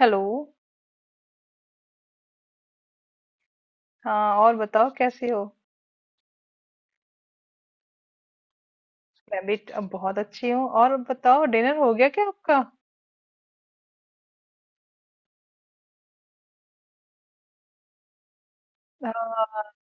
Hello. हाँ, और बताओ कैसी हो? मैं भी बहुत अच्छी हूँ। और बताओ, डिनर हो गया क्या आपका? हाँ।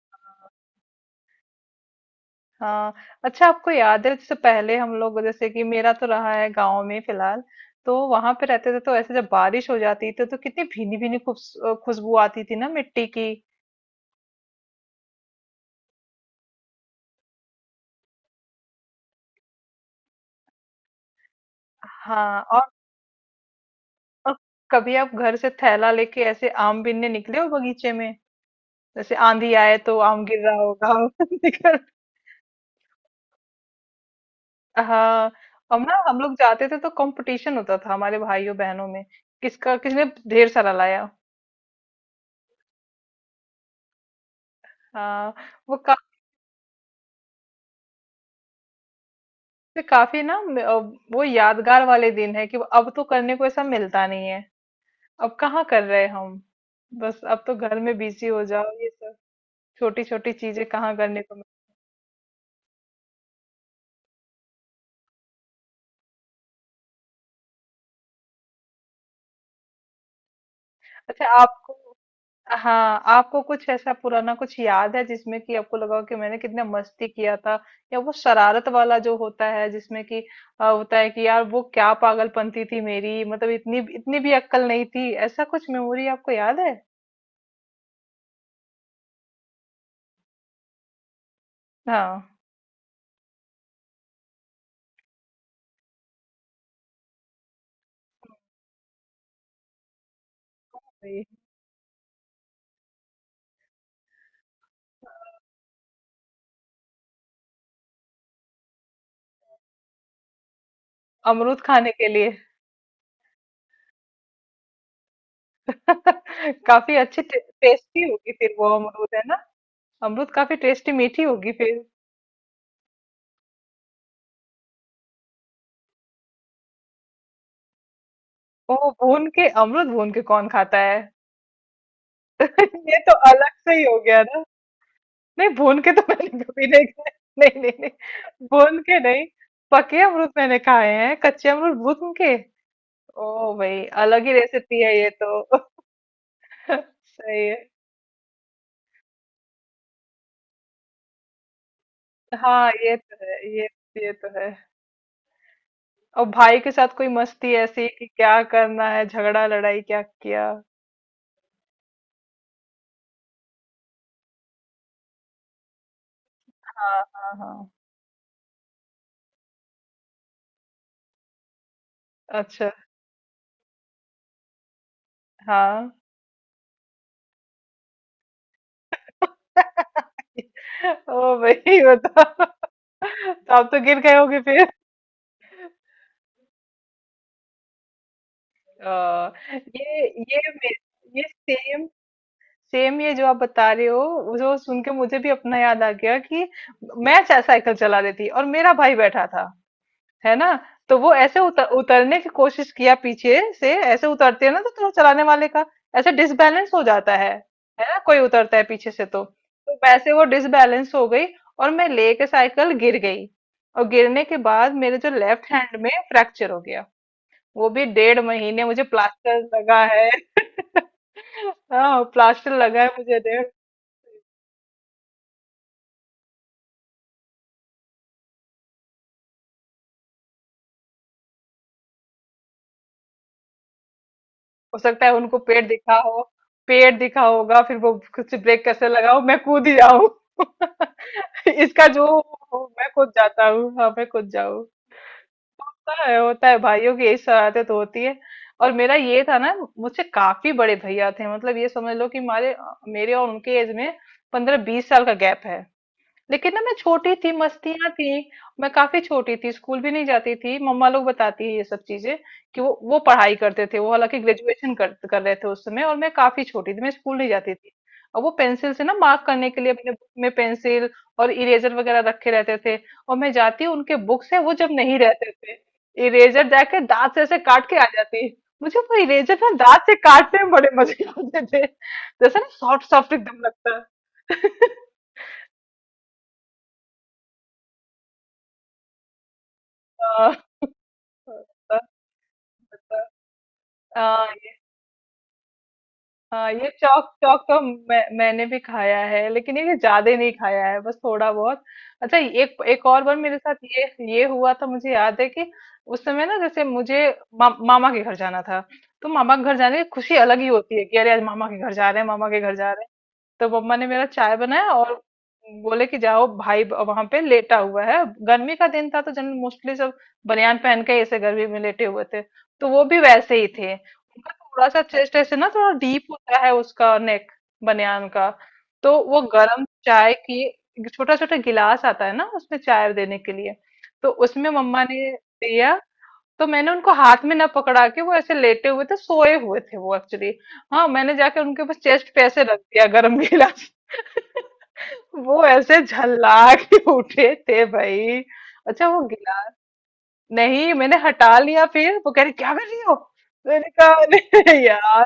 हाँ। अच्छा, आपको याद है जैसे पहले हम लोग, जैसे कि मेरा तो रहा है गांव में फिलहाल, तो वहां पे रहते थे तो ऐसे जब बारिश हो जाती थी तो कितनी भीनी भीनी खुशबू आती थी ना मिट्टी की। हाँ। और कभी आप घर से थैला लेके ऐसे आम बीनने निकले हो बगीचे में, जैसे आंधी आए तो आम गिर रहा होगा। हाँ। हम ना, हम लोग जाते थे तो कंपटीशन होता था हमारे भाइयों बहनों में किसका किसने ढेर सारा लाया। हाँ। वो काफी, काफी ना म- अ, वो यादगार वाले दिन है कि अब तो करने को ऐसा मिलता नहीं है। अब कहाँ कर रहे हैं हम? बस अब तो घर में बिजी हो जाओ ये सब। छोटी छोटी चीजें कहाँ करने को मिल। अच्छा आपको। हाँ, आपको कुछ ऐसा पुराना कुछ याद है जिसमें कि आपको लगा हो कि मैंने कितना मस्ती किया था, या वो शरारत वाला जो होता है जिसमें कि होता है कि यार वो क्या पागलपंती थी मेरी, मतलब इतनी इतनी भी अक्कल नहीं थी, ऐसा कुछ मेमोरी आपको याद है? हाँ। अरे! अमरूद खाने के लिए। काफी अच्छी टेस्टी होगी फिर वो अमरूद, है ना? अमरूद काफी टेस्टी मीठी होगी फिर। ओह भून के? अमरूद भून के कौन खाता है? ये तो अलग से ही हो गया। नहीं, भून के तो मैंने कभी नहीं खाए। नहीं नहीं नहीं, भून के नहीं। पके अमरूद मैंने खाए हैं, कच्चे अमरूद भून के? ओ भाई, अलग ही रेसिपी है ये तो। सही है। हाँ, ये तो है। ये तो है। और भाई के साथ कोई मस्ती ऐसी कि क्या करना है, झगड़ा लड़ाई क्या किया? हाँ हाँ हाँ। अच्छा। हाँ। ओ भाई बताओ। तो आप तो गिर गए होगे फिर? अ, ये ये मे- ये सेम, ये जो आप बता रहे हो, वो जो सुन के मुझे भी अपना याद आ गया कि मैं साइकिल चला रही थी और मेरा भाई बैठा था, है ना? तो वो ऐसे उतरने की कोशिश किया, पीछे से ऐसे उतरते हैं ना तो थोड़ा चलाने वाले का ऐसे डिसबैलेंस हो जाता है ना? कोई उतरता है पीछे से तो वैसे वो डिसबैलेंस हो गई, और मैं लेके साइकिल गिर गई। और गिरने के बाद मेरे जो लेफ्ट हैंड में फ्रैक्चर हो गया, वो भी 1.5 महीने मुझे प्लास्टर लगा है। हाँ, प्लास्टर लगा है मुझे डेढ़। हो सकता है उनको पेड़ दिखा हो। पेड़ दिखा होगा फिर वो कुछ, ब्रेक कैसे लगाओ, मैं कूद ही जाऊं। इसका जो, मैं कूद जाता हूँ, हाँ, मैं कूद जाऊं। होता है, होता है, भाइयों की यही शरारतें तो होती है। और मेरा ये था ना, मुझसे काफी बड़े भैया थे, मतलब ये समझ लो कि हमारे, मेरे और उनके एज में 15-20 साल का गैप है। लेकिन ना, मैं छोटी थी, मस्तियां थी। मैं काफी छोटी थी, स्कूल भी नहीं जाती थी, मम्मा लोग बताती है ये सब चीजें कि वो पढ़ाई करते थे, वो हालांकि ग्रेजुएशन कर रहे थे उस समय, और मैं काफी छोटी थी, मैं स्कूल नहीं जाती थी। और वो पेंसिल से ना मार्क करने के लिए अपने बुक में पेंसिल और इरेजर वगैरह रखे रहते थे। और मैं जाती उनके बुक से, वो जब नहीं रहते थे, इरेजर जाके दांत से ऐसे काट के आ जाती। मुझे वो इरेजर ना दांत से काटने में बड़े मजे आते थे, जैसे ना सॉफ्ट सॉफ्ट एकदम लगता है। हाँ। आ, आ, ये चौक चौक तो मैंने भी खाया है, लेकिन ये ज्यादा नहीं खाया है, बस थोड़ा बहुत। अच्छा एक एक और बार मेरे साथ ये हुआ था, मुझे याद है कि उस समय ना जैसे मुझे मामा के घर जाना था। तो मामा के घर जाने की खुशी अलग ही होती है कि अरे आज मामा के घर जा रहे हैं, मामा के घर जा रहे हैं। तो मम्मा ने मेरा चाय बनाया और बोले कि जाओ भाई वहां पे लेटा हुआ है। गर्मी का दिन था तो जन मोस्टली सब बनियान पहन के ऐसे गर्मी में लेटे हुए थे। तो वो भी वैसे ही थे। उनका थोड़ा सा चेस्ट ऐसे ना, थोड़ा डीप होता है उसका नेक, बनियान का। तो वो गर्म चाय की छोटा छोटा गिलास आता है ना उसमें चाय देने के लिए, तो उसमें मम्मा ने दिया। तो मैंने उनको हाथ में ना पकड़ा के, वो ऐसे लेटे हुए थे सोए हुए थे वो एक्चुअली, हाँ, मैंने जाके उनके ऊपर चेस्ट पे ऐसे रख दिया गर्म गिलास। वो ऐसे झल्ला के उठे थे भाई। अच्छा वो गिलास? नहीं, मैंने हटा लिया। फिर वो कह रही क्या कर रही हो? मैंने कहा "अरे यार,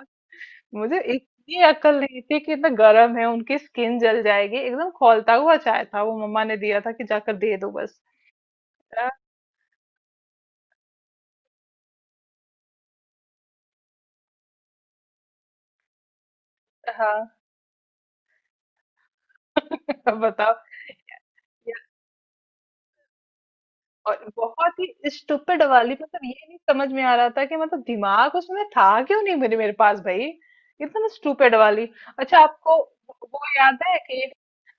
मुझे इतनी अकल नहीं थी कि इतना गर्म है, उनकी स्किन जल जाएगी, एकदम खौलता हुआ चाय था, वो मम्मा ने दिया था कि जाकर दे दो बस।" अ, हाँ। बताओ। और बहुत ही स्टूपिड वाली, मतलब ये नहीं समझ में आ रहा था, कि मतलब दिमाग उसमें था क्यों नहीं, मेरे मेरे पास भाई। एकदम स्टूपिड वाली। अच्छा आपको वो याद है कि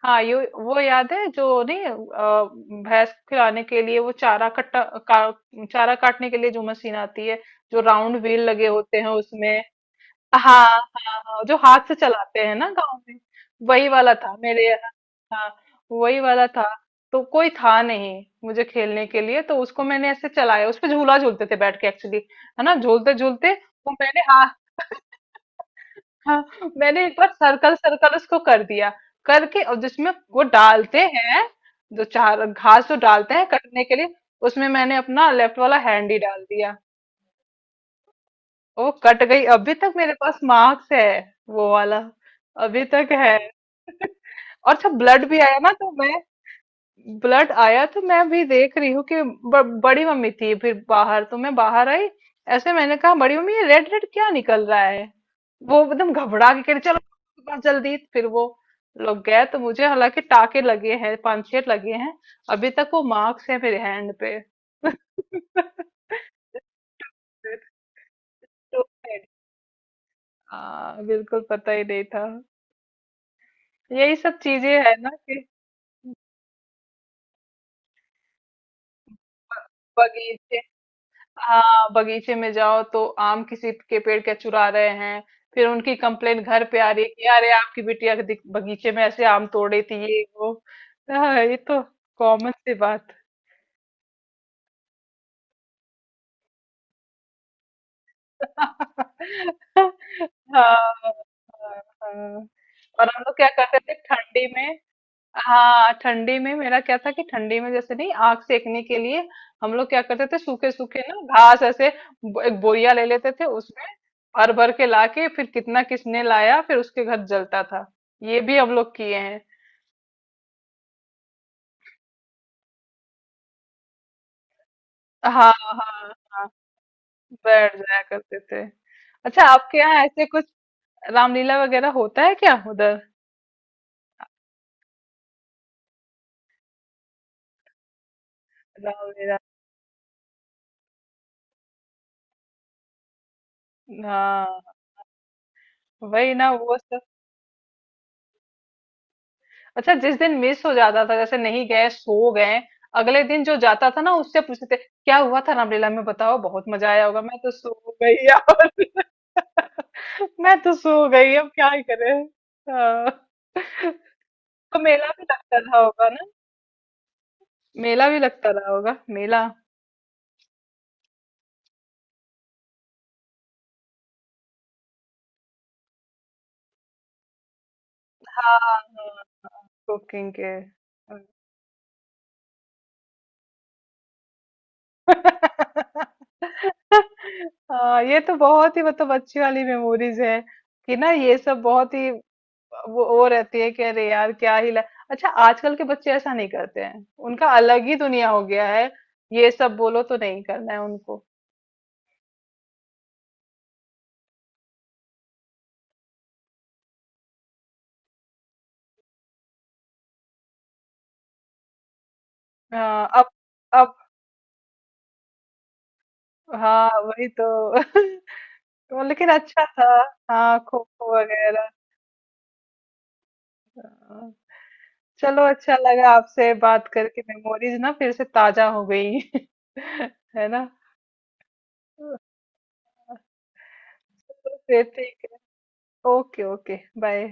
हाँ, ये वो याद है जो नहीं, भैंस को खिलाने के लिए वो चारा कट्टा, का, चारा काटने के लिए जो मशीन आती है जो राउंड व्हील लगे होते हैं उसमें। हाँ हाँ हाँ, जो हाथ से चलाते हैं ना गांव में। वही वाला था मेरे यहाँ। हाँ, वही वाला था। तो कोई था नहीं मुझे खेलने के लिए, तो उसको मैंने ऐसे चलाया, उस पे झूला झूलते थे बैठ के एक्चुअली, है ना, झूलते झूलते वो मैंने, हाँ। हाँ। मैंने एक बार सर्कल सर्कल उसको कर दिया करके, और जिसमें वो डालते हैं, जो चार घास जो डालते हैं कटने के लिए, उसमें मैंने अपना लेफ्ट वाला हैंड ही डाल दिया। ओ, कट गई! अभी तक मेरे पास मार्क्स है वो वाला, अभी तक है। और जब ब्लड भी आया ना तो मैं, ब्लड आया तो मैं भी देख रही हूँ कि बड़ी मम्मी थी फिर बाहर, तो मैं बाहर आई, ऐसे मैंने कहा बड़ी मम्मी ये रेड रेड क्या निकल रहा है। वो एकदम घबरा के कह रही चलो डॉक्टर के पास जल्दी, फिर वो लोग गए तो मुझे हालांकि टाके लगे हैं, 5-6 लगे हैं। अभी तक वो मार्क्स है मेरे हैंड पे। तो हाँ, बिल्कुल पता ही नहीं था। यही सब चीजें है ना कि ब- बगीचे, हाँ, बगीचे में जाओ तो आम किसी के पेड़ के चुरा रहे हैं, फिर उनकी कंप्लेन घर पे आ रही है कि अरे आपकी बिटिया के बगीचे में ऐसे आम तोड़ रही थी, ये वो। हाँ, ये तो कॉमन सी बात। हाँ हाँ हाँ। और हम लोग क्या करते थे ठंडी में? हाँ, ठंडी में मेरा क्या था कि ठंडी में जैसे नहीं आग सेकने के लिए हम लोग क्या करते थे, सूखे सूखे ना घास ऐसे एक बोरिया ले लेते थे उसमें, भर भर के लाके फिर कितना किसने लाया, फिर उसके घर जलता था। ये भी हम लोग किए हैं। हाँ हाँ हाँ, बैठ जाया करते थे। अच्छा आपके यहाँ ऐसे कुछ रामलीला वगैरह होता है क्या उधर? रामलीला, हाँ। वही ना वो। अच्छा, जिस दिन मिस हो जाता था जैसे नहीं गए, सो गए, अगले दिन जो जाता था ना उससे पूछते थे क्या हुआ था रामलीला में, बताओ बहुत मजा आया होगा, मैं तो सो गई यार। मैं तो सो गई, अब क्या ही करें। हाँ। तो मेला भी लगता रहा होगा ना? मेला भी लगता रहा होगा, मेला हाँ। हाँ, कुकिंग के, हाँ। हाँ, ये तो बहुत ही मतलब अच्छी वाली मेमोरीज है कि ना, ये सब बहुत ही वो रहती है कि अरे यार क्या ही ला। अच्छा आजकल के बच्चे ऐसा नहीं करते हैं, उनका अलग ही दुनिया हो गया है, ये सब बोलो तो नहीं करना है उनको। हाँ। अब हाँ, वही तो। तो लेकिन अच्छा था। हाँ, खो खो वगैरह। हाँ। चलो, अच्छा लगा आपसे बात करके, मेमोरीज ना फिर से ताजा हो गई। है ना? चलो, फिर ठीक है। Okay, okay, bye.